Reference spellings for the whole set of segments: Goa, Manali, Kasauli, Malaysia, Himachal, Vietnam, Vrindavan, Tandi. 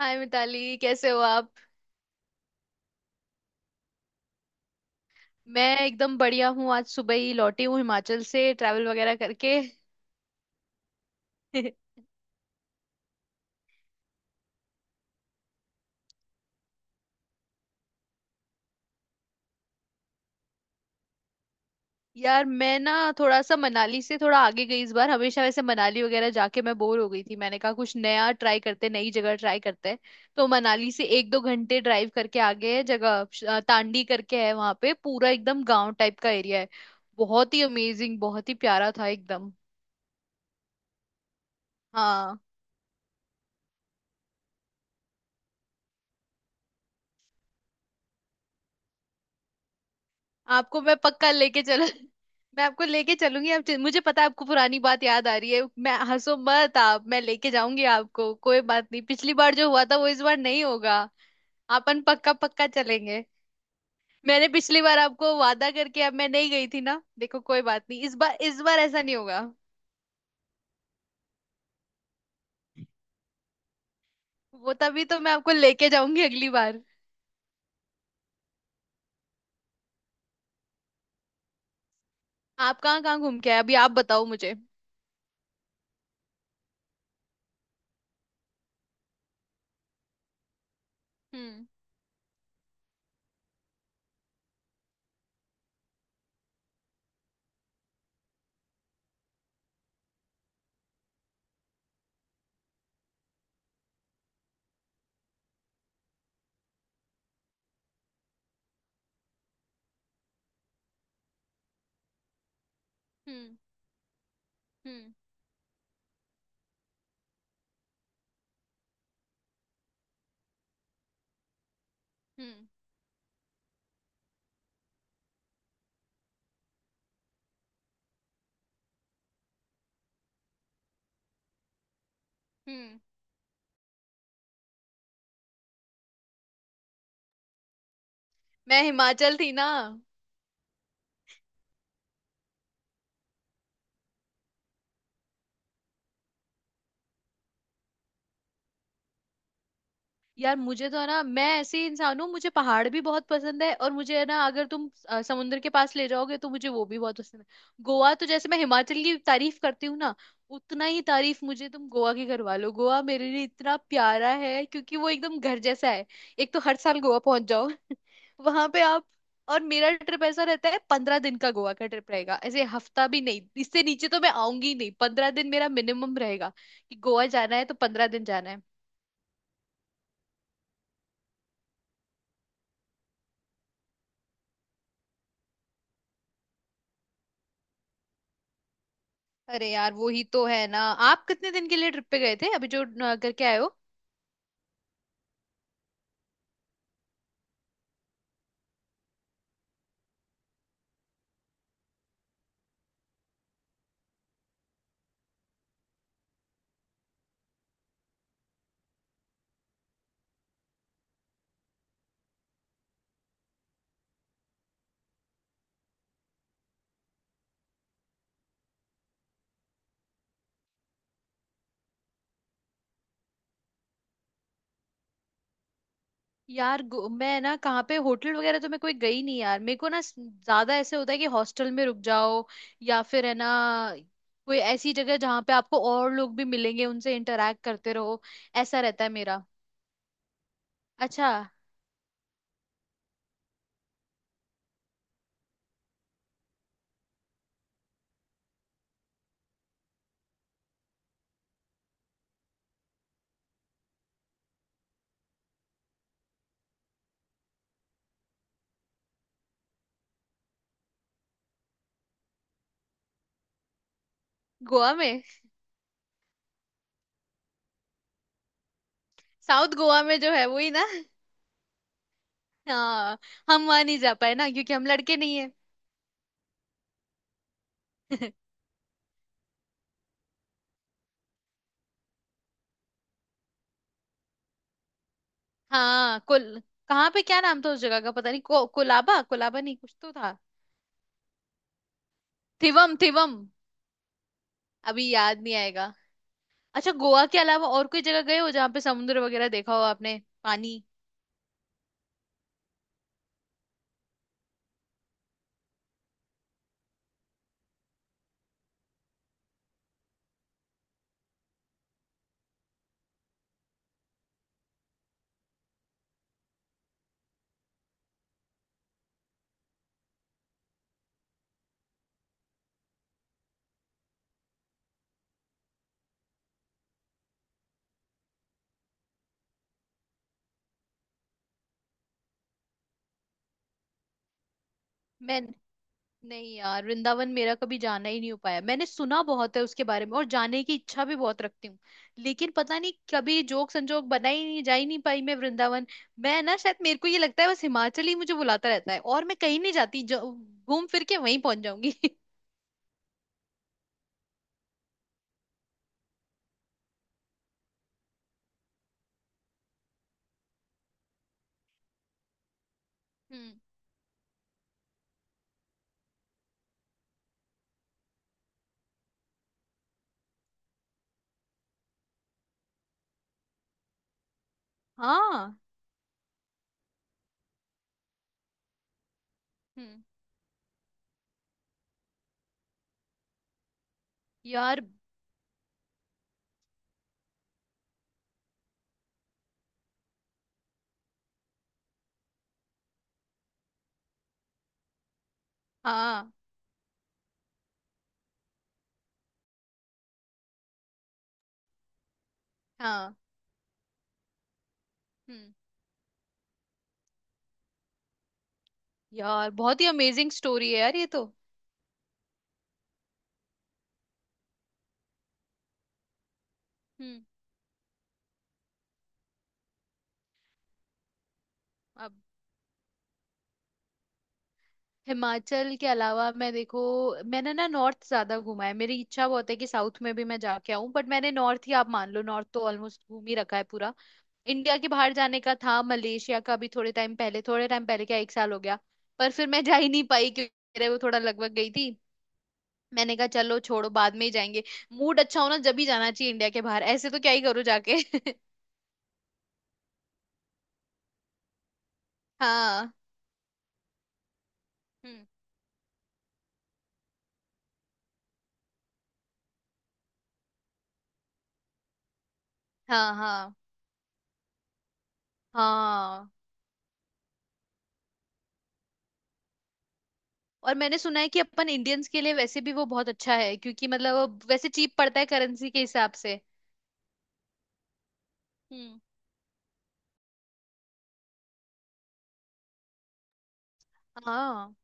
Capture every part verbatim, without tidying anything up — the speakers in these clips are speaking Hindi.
हाय मिताली, कैसे हो आप। मैं एकदम बढ़िया हूँ, आज सुबह ही लौटी हूँ हिमाचल से ट्रैवल वगैरह करके। यार, मैं ना थोड़ा सा मनाली से थोड़ा आगे गई इस बार। हमेशा वैसे मनाली वगैरह जाके मैं बोर हो गई थी, मैंने कहा कुछ नया ट्राई करते, नई जगह ट्राई करते हैं। तो मनाली से एक दो घंटे ड्राइव करके आगे है जगह, श- अ, तांडी करके है, वहां पे पूरा एकदम गांव टाइप का एरिया है। बहुत ही अमेजिंग, बहुत ही प्यारा था एकदम। हाँ, आपको मैं पक्का लेके चल। मैं आपको लेके चलूंगी, आप चल- मुझे पता है आपको पुरानी बात याद आ रही है, मैं, हंसो मत आप, मैं लेके जाऊंगी आपको, कोई बात नहीं, पिछली बार जो हुआ था वो इस बार नहीं होगा। अपन पक्का पक्का चलेंगे। मैंने पिछली बार आपको वादा करके अब मैं नहीं गई थी ना, देखो कोई बात नहीं, इस बार इस बार ऐसा नहीं होगा। वो तभी तो मैं आपको लेके जाऊंगी अगली बार। आप कहाँ कहाँ घूम के आए अभी, आप बताओ मुझे। हम्म। हम्म। हम्म। हम्म। हम्म। मैं हिमाचल थी ना। यार मुझे तो है ना, मैं ऐसे ही इंसान हूँ, मुझे पहाड़ भी बहुत पसंद है, और मुझे है ना, अगर तुम अ, समुद्र के पास ले जाओगे तो मुझे वो भी बहुत पसंद है। गोवा, तो जैसे मैं हिमाचल की तारीफ करती हूँ ना, उतना ही तारीफ मुझे तुम गोवा की करवा लो। गोवा मेरे लिए इतना प्यारा है क्योंकि वो एकदम घर जैसा है। एक तो हर साल गोवा पहुंच जाओ। वहां पे आप, और मेरा ट्रिप ऐसा रहता है, पंद्रह दिन का गोवा का ट्रिप रहेगा, ऐसे हफ्ता भी नहीं, इससे नीचे तो मैं आऊंगी ही नहीं, पंद्रह दिन मेरा मिनिमम रहेगा कि गोवा जाना है तो पंद्रह दिन जाना है। अरे यार, वो ही तो है ना। आप कितने दिन के लिए ट्रिप पे गए थे अभी जो न, करके आए हो। यार, गो- मैं ना, कहाँ पे होटल वगैरह तो मैं कोई गई नहीं यार, मेरे को ना स- ज्यादा ऐसे होता है कि हॉस्टल में रुक जाओ, या फिर है ना, कोई ऐसी जगह जहाँ पे आपको और लोग भी मिलेंगे, उनसे इंटरेक्ट करते रहो, ऐसा रहता है मेरा। अच्छा। गोवा में, साउथ गोवा में जो है वही ना। हाँ, हम वहां नहीं जा पाए ना क्योंकि हम लड़के नहीं है। हाँ कुल, कहाँ पे, क्या नाम था उस जगह का, पता नहीं, को, कोलाबा, कोलाबा नहीं, कुछ तो था। थिवम थिवम। अभी याद नहीं आएगा। अच्छा, गोवा के अलावा और कोई जगह गए हो जहाँ पे समुद्र वगैरह देखा हो आपने, पानी। मैं नहीं यार, वृंदावन मेरा कभी जाना ही नहीं हो पाया, मैंने सुना बहुत है उसके बारे में और जाने की इच्छा भी बहुत रखती हूँ। लेकिन पता नहीं कभी जोक संजोग बना ही नहीं, जा ही नहीं पाई मैं वृंदावन। मैं ना शायद, मेरे को ये लगता है, बस हिमाचल ही मुझे बुलाता रहता है और मैं कहीं नहीं जाती, जो घूम फिर के वहीं पहुंच जाऊंगी। हम्म। हाँ। हम्म। यार। हाँ। हाँ। हम्म। यार, बहुत ही अमेजिंग स्टोरी है यार ये तो। हम्म। अब हिमाचल के अलावा, मैं देखो, मैंने ना नॉर्थ ज्यादा घूमा है, मेरी इच्छा बहुत है कि साउथ में भी मैं जाके आऊं, बट मैंने नॉर्थ ही, आप मान लो नॉर्थ तो ऑलमोस्ट घूम ही रखा है पूरा। इंडिया के बाहर जाने का था, मलेशिया का भी, थोड़े टाइम पहले, थोड़े टाइम पहले क्या, एक साल हो गया। पर फिर मैं जा ही नहीं पाई क्योंकि मेरे वो थोड़ा लगभग गई थी, मैंने कहा चलो छोड़ो, बाद में ही जाएंगे। मूड अच्छा हो ना, जब ही जाना चाहिए इंडिया के बाहर, ऐसे तो क्या ही करो जाके। हाँ। हम्म। हाँ। हाँ। हाँ, और मैंने सुना है कि अपन इंडियंस के लिए वैसे भी वो बहुत अच्छा है, क्योंकि मतलब वो वैसे चीप पड़ता है करेंसी के हिसाब से। हम्म। हाँ।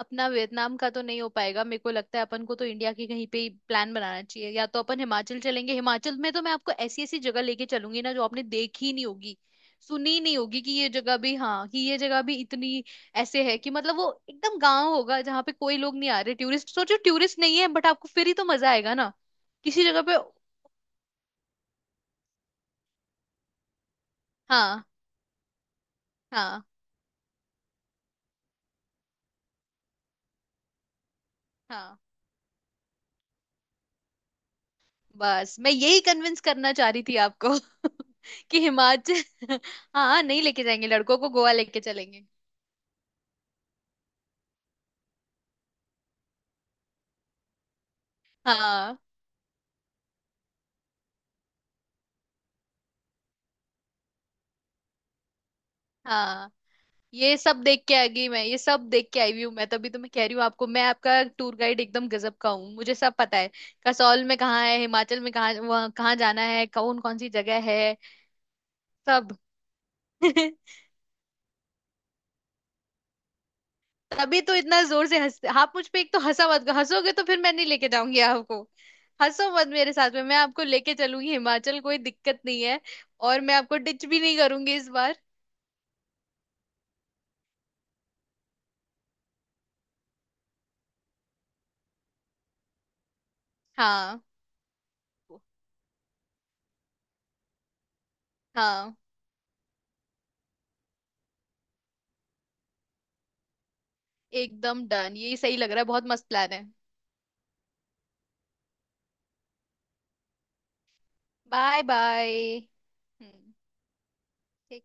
अपना वियतनाम का तो नहीं हो पाएगा, मेरे को लगता है। अपन को तो इंडिया के कहीं पे ही प्लान बनाना चाहिए, या तो अपन हिमाचल चलेंगे। हिमाचल में तो मैं आपको ऐसी ऐसी जगह लेके चलूंगी ना जो आपने देखी ही नहीं होगी, सुनी ही नहीं होगी कि ये जगह भी, हाँ, कि ये जगह भी इतनी ऐसे है कि, मतलब वो एकदम गांव होगा जहाँ पे कोई लोग नहीं आ रहे टूरिस्ट, सोचो टूरिस्ट नहीं है, बट आपको फिर ही तो मजा आएगा ना किसी जगह पे। हाँ। हाँ। हाँ। बस मैं यही कन्विंस करना चाह रही थी आपको। कि हिमाचल। हाँ, नहीं, लेके जाएंगे लड़कों को गोवा लेके चलेंगे। हाँ। हाँ, ये सब देख के आ गई मैं, ये सब देख के आई हुई हूँ मैं, तभी तो मैं कह रही हूँ आपको, मैं आपका टूर गाइड एकदम गजब का हूँ, मुझे सब पता है कसौल में कहाँ है, हिमाचल में कहाँ, वहाँ कहाँ जाना है, कौन कौन सी जगह है सब। तभी तो इतना जोर से हंस आप मुझ पे। एक तो हंसा मत, हंसोगे तो फिर मैं नहीं लेके जाऊंगी आपको। हंसो मत मेरे साथ में, मैं आपको लेके चलूंगी हिमाचल, कोई दिक्कत नहीं है। और मैं आपको डिच भी नहीं करूंगी इस बार। हाँ। हाँ, एकदम डन, ये सही लग रहा है, बहुत मस्त प्लान है। Bye bye. हम्म। ठीक।